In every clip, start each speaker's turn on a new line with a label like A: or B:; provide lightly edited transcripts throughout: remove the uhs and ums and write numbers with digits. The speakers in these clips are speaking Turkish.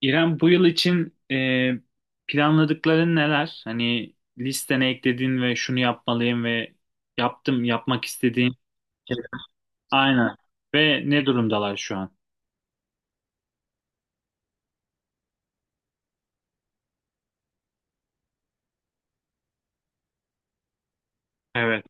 A: İrem, bu yıl için planladıkların neler? Hani listene eklediğin ve şunu yapmalıyım ve yaptım, yapmak istediğin şeyler. Aynen. Ve ne durumdalar şu an? Evet.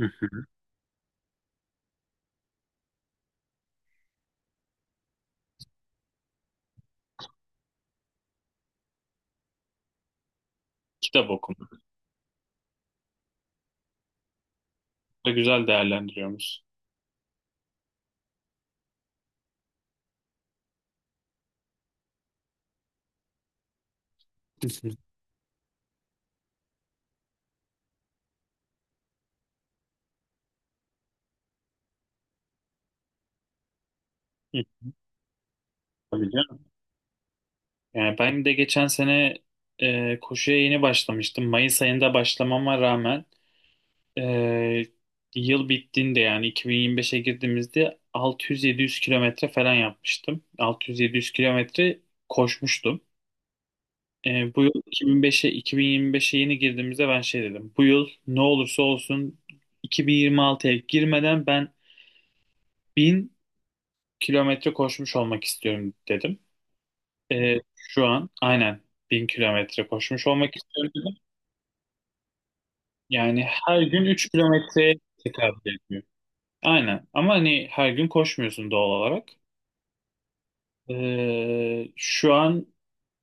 A: Hı hı. Kitap okuma. Da güzel değerlendiriyoruz. Hı hı. Hı. Tabii canım. Yani ben de geçen sene koşuya yeni başlamıştım. Mayıs ayında başlamama rağmen Ee, yıl bittiğinde, yani 2025'e girdiğimizde, 600-700 kilometre falan yapmıştım. 600-700 kilometre koşmuştum. Bu yıl 2005'e 2025'e yeni girdiğimizde ben şey dedim: bu yıl ne olursa olsun 2026'ya girmeden ben 1000 kilometre koşmuş olmak istiyorum dedim. Şu an aynen 1000 kilometre koşmuş olmak istiyorum dedim. Yani her gün 3 kilometre tekabül ediyor. Aynen. Ama hani her gün koşmuyorsun, doğal olarak. Şu an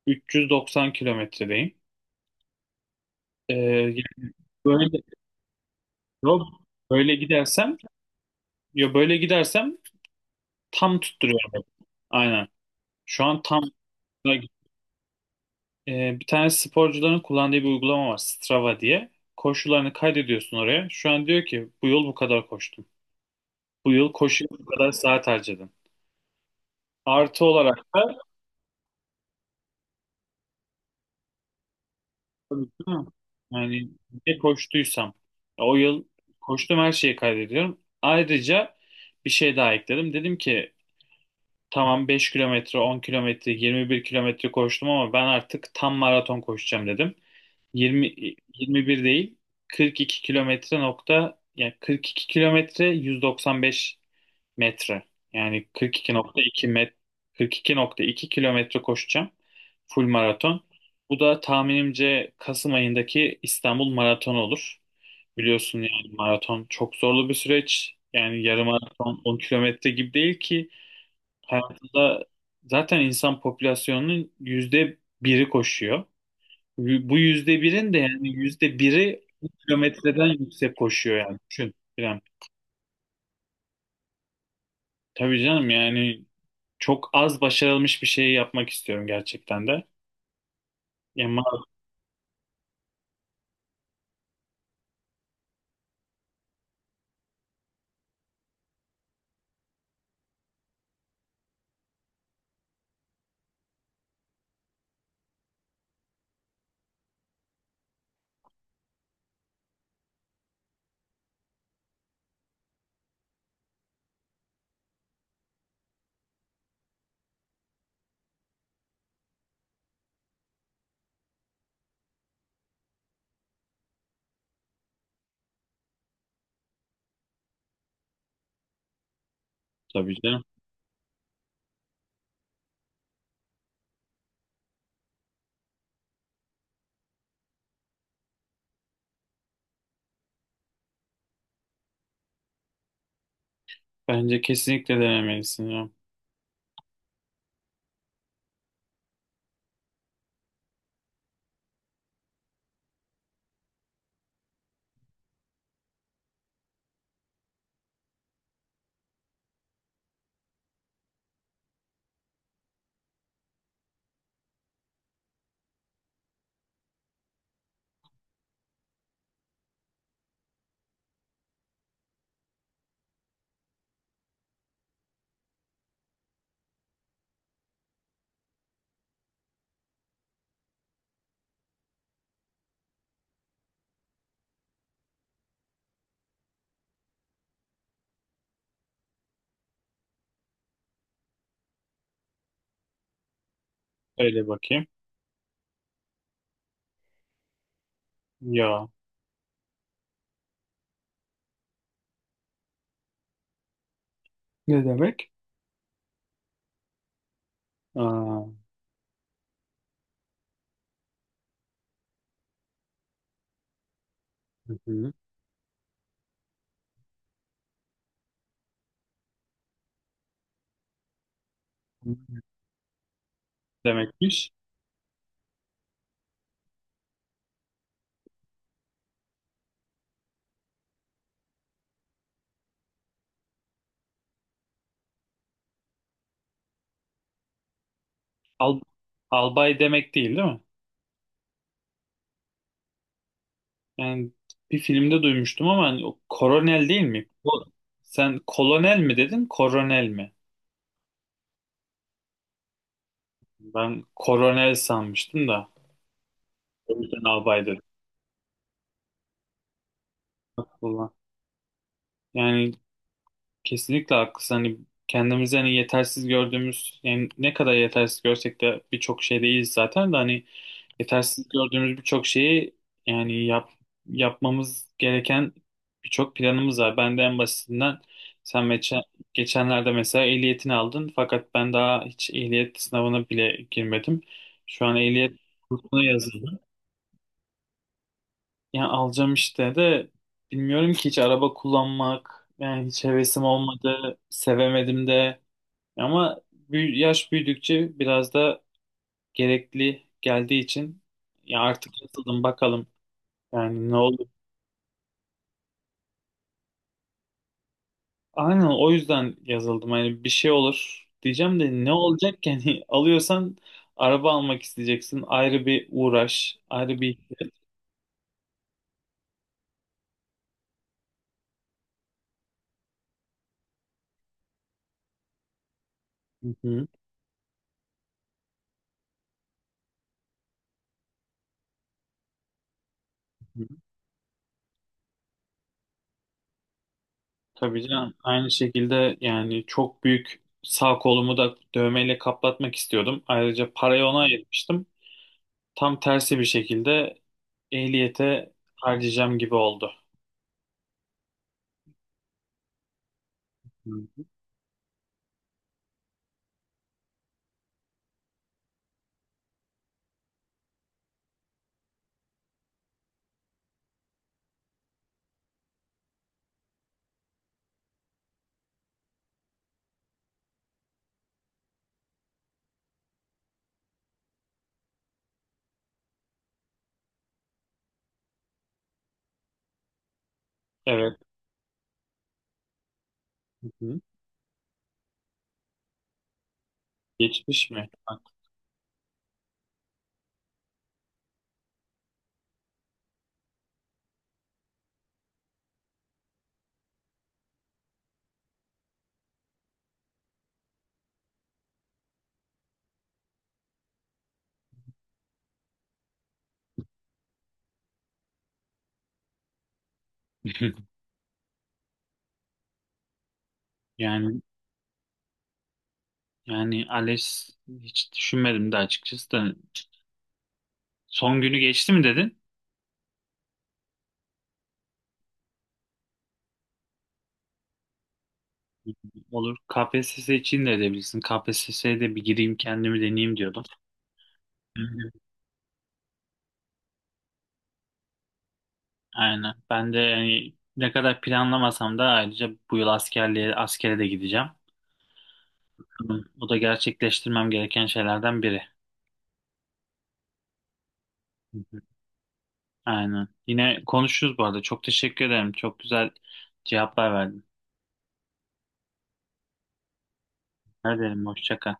A: 390 kilometredeyim. Yani böyle yok, böyle gidersem ya böyle gidersem tam tutturuyorum. Aynen. Şu an tam. Bir tane sporcuların kullandığı bir uygulama var, Strava diye. Koşularını kaydediyorsun oraya. Şu an diyor ki bu yıl bu kadar koştum. Bu yıl koşuya bu kadar saat harcadım. Artı olarak da. Tabii, değil mi? Yani ne koştuysam o yıl koştum, her şeyi kaydediyorum. Ayrıca bir şey daha ekledim. Dedim ki tamam, 5 kilometre, 10 kilometre, 21 kilometre koştum ama ben artık tam maraton koşacağım dedim. Yirmi yirmi bir değil, 42 kilometre nokta, yani 42 kilometre 195 metre. Yani 42.2 kilometre koşacağım. Full maraton. Bu da tahminimce Kasım ayındaki İstanbul Maratonu olur. Biliyorsun yani maraton çok zorlu bir süreç. Yani yarım maraton 10 kilometre gibi değil ki. Hayatında zaten insan popülasyonunun yüzde biri koşuyor. Bu yüzde birin de, yani yüzde biri kilometreden yüksek koşuyor yani. Düşün, İrem. Tabii canım, yani çok az başarılmış bir şeyi yapmak istiyorum gerçekten de. Ama tabii canım. Bence kesinlikle denemelisin ya. Öyle bakayım. Ya. Ne demek? Aa, hı hı. Demekmiş. Al, albay demek, değil değil mi? Yani bir filmde duymuştum ama hani o koronel değil mi? Sen kolonel mi dedin, koronel mi? Ben koronel sanmıştım da. O yüzden albay dedim. Aklına. Yani kesinlikle haklısın. Hani kendimizi hani yetersiz gördüğümüz, yani ne kadar yetersiz görsek de birçok şey değiliz zaten de, hani yetersiz gördüğümüz birçok şeyi, yani yapmamız gereken birçok planımız var. Ben de en basitinden, sen geçen, geçenlerde mesela ehliyetini aldın fakat ben daha hiç ehliyet sınavına bile girmedim. Şu an ehliyet kursuna yazıldım. Yani alacağım işte de bilmiyorum ki, hiç araba kullanmak, yani hiç hevesim olmadı, sevemedim de. Ama yaş büyüdükçe biraz da gerekli geldiği için ya, artık yazıldım bakalım yani, ne olur. Aynen, o yüzden yazıldım. Hani bir şey olur diyeceğim de, ne olacak ki? Yani alıyorsan araba almak isteyeceksin. Ayrı bir uğraş, ayrı bir ihtiyaç. Hı hı hı hı. Tabii canım. Aynı şekilde yani çok büyük sağ kolumu da dövmeyle kaplatmak istiyordum. Ayrıca parayı ona ayırmıştım. Tam tersi bir şekilde ehliyete harcayacağım gibi oldu. Hı. Evet. Hı hı. Geçmiş mi? Yani yani ALES hiç düşünmedim de açıkçası da, son günü geçti mi dedin? Olur. KPSS için de edebilirsin. KPSS'ye de bir gireyim, kendimi deneyeyim diyordum. Hı hı. Aynen. Ben de, yani ne kadar planlamasam da, ayrıca bu yıl askere de gideceğim. Hı. O da gerçekleştirmem gereken şeylerden biri. Hı hı. Aynen. Yine konuşuruz bu arada. Çok teşekkür ederim. Çok güzel cevaplar verdin. Ne derim? Hoşça kal.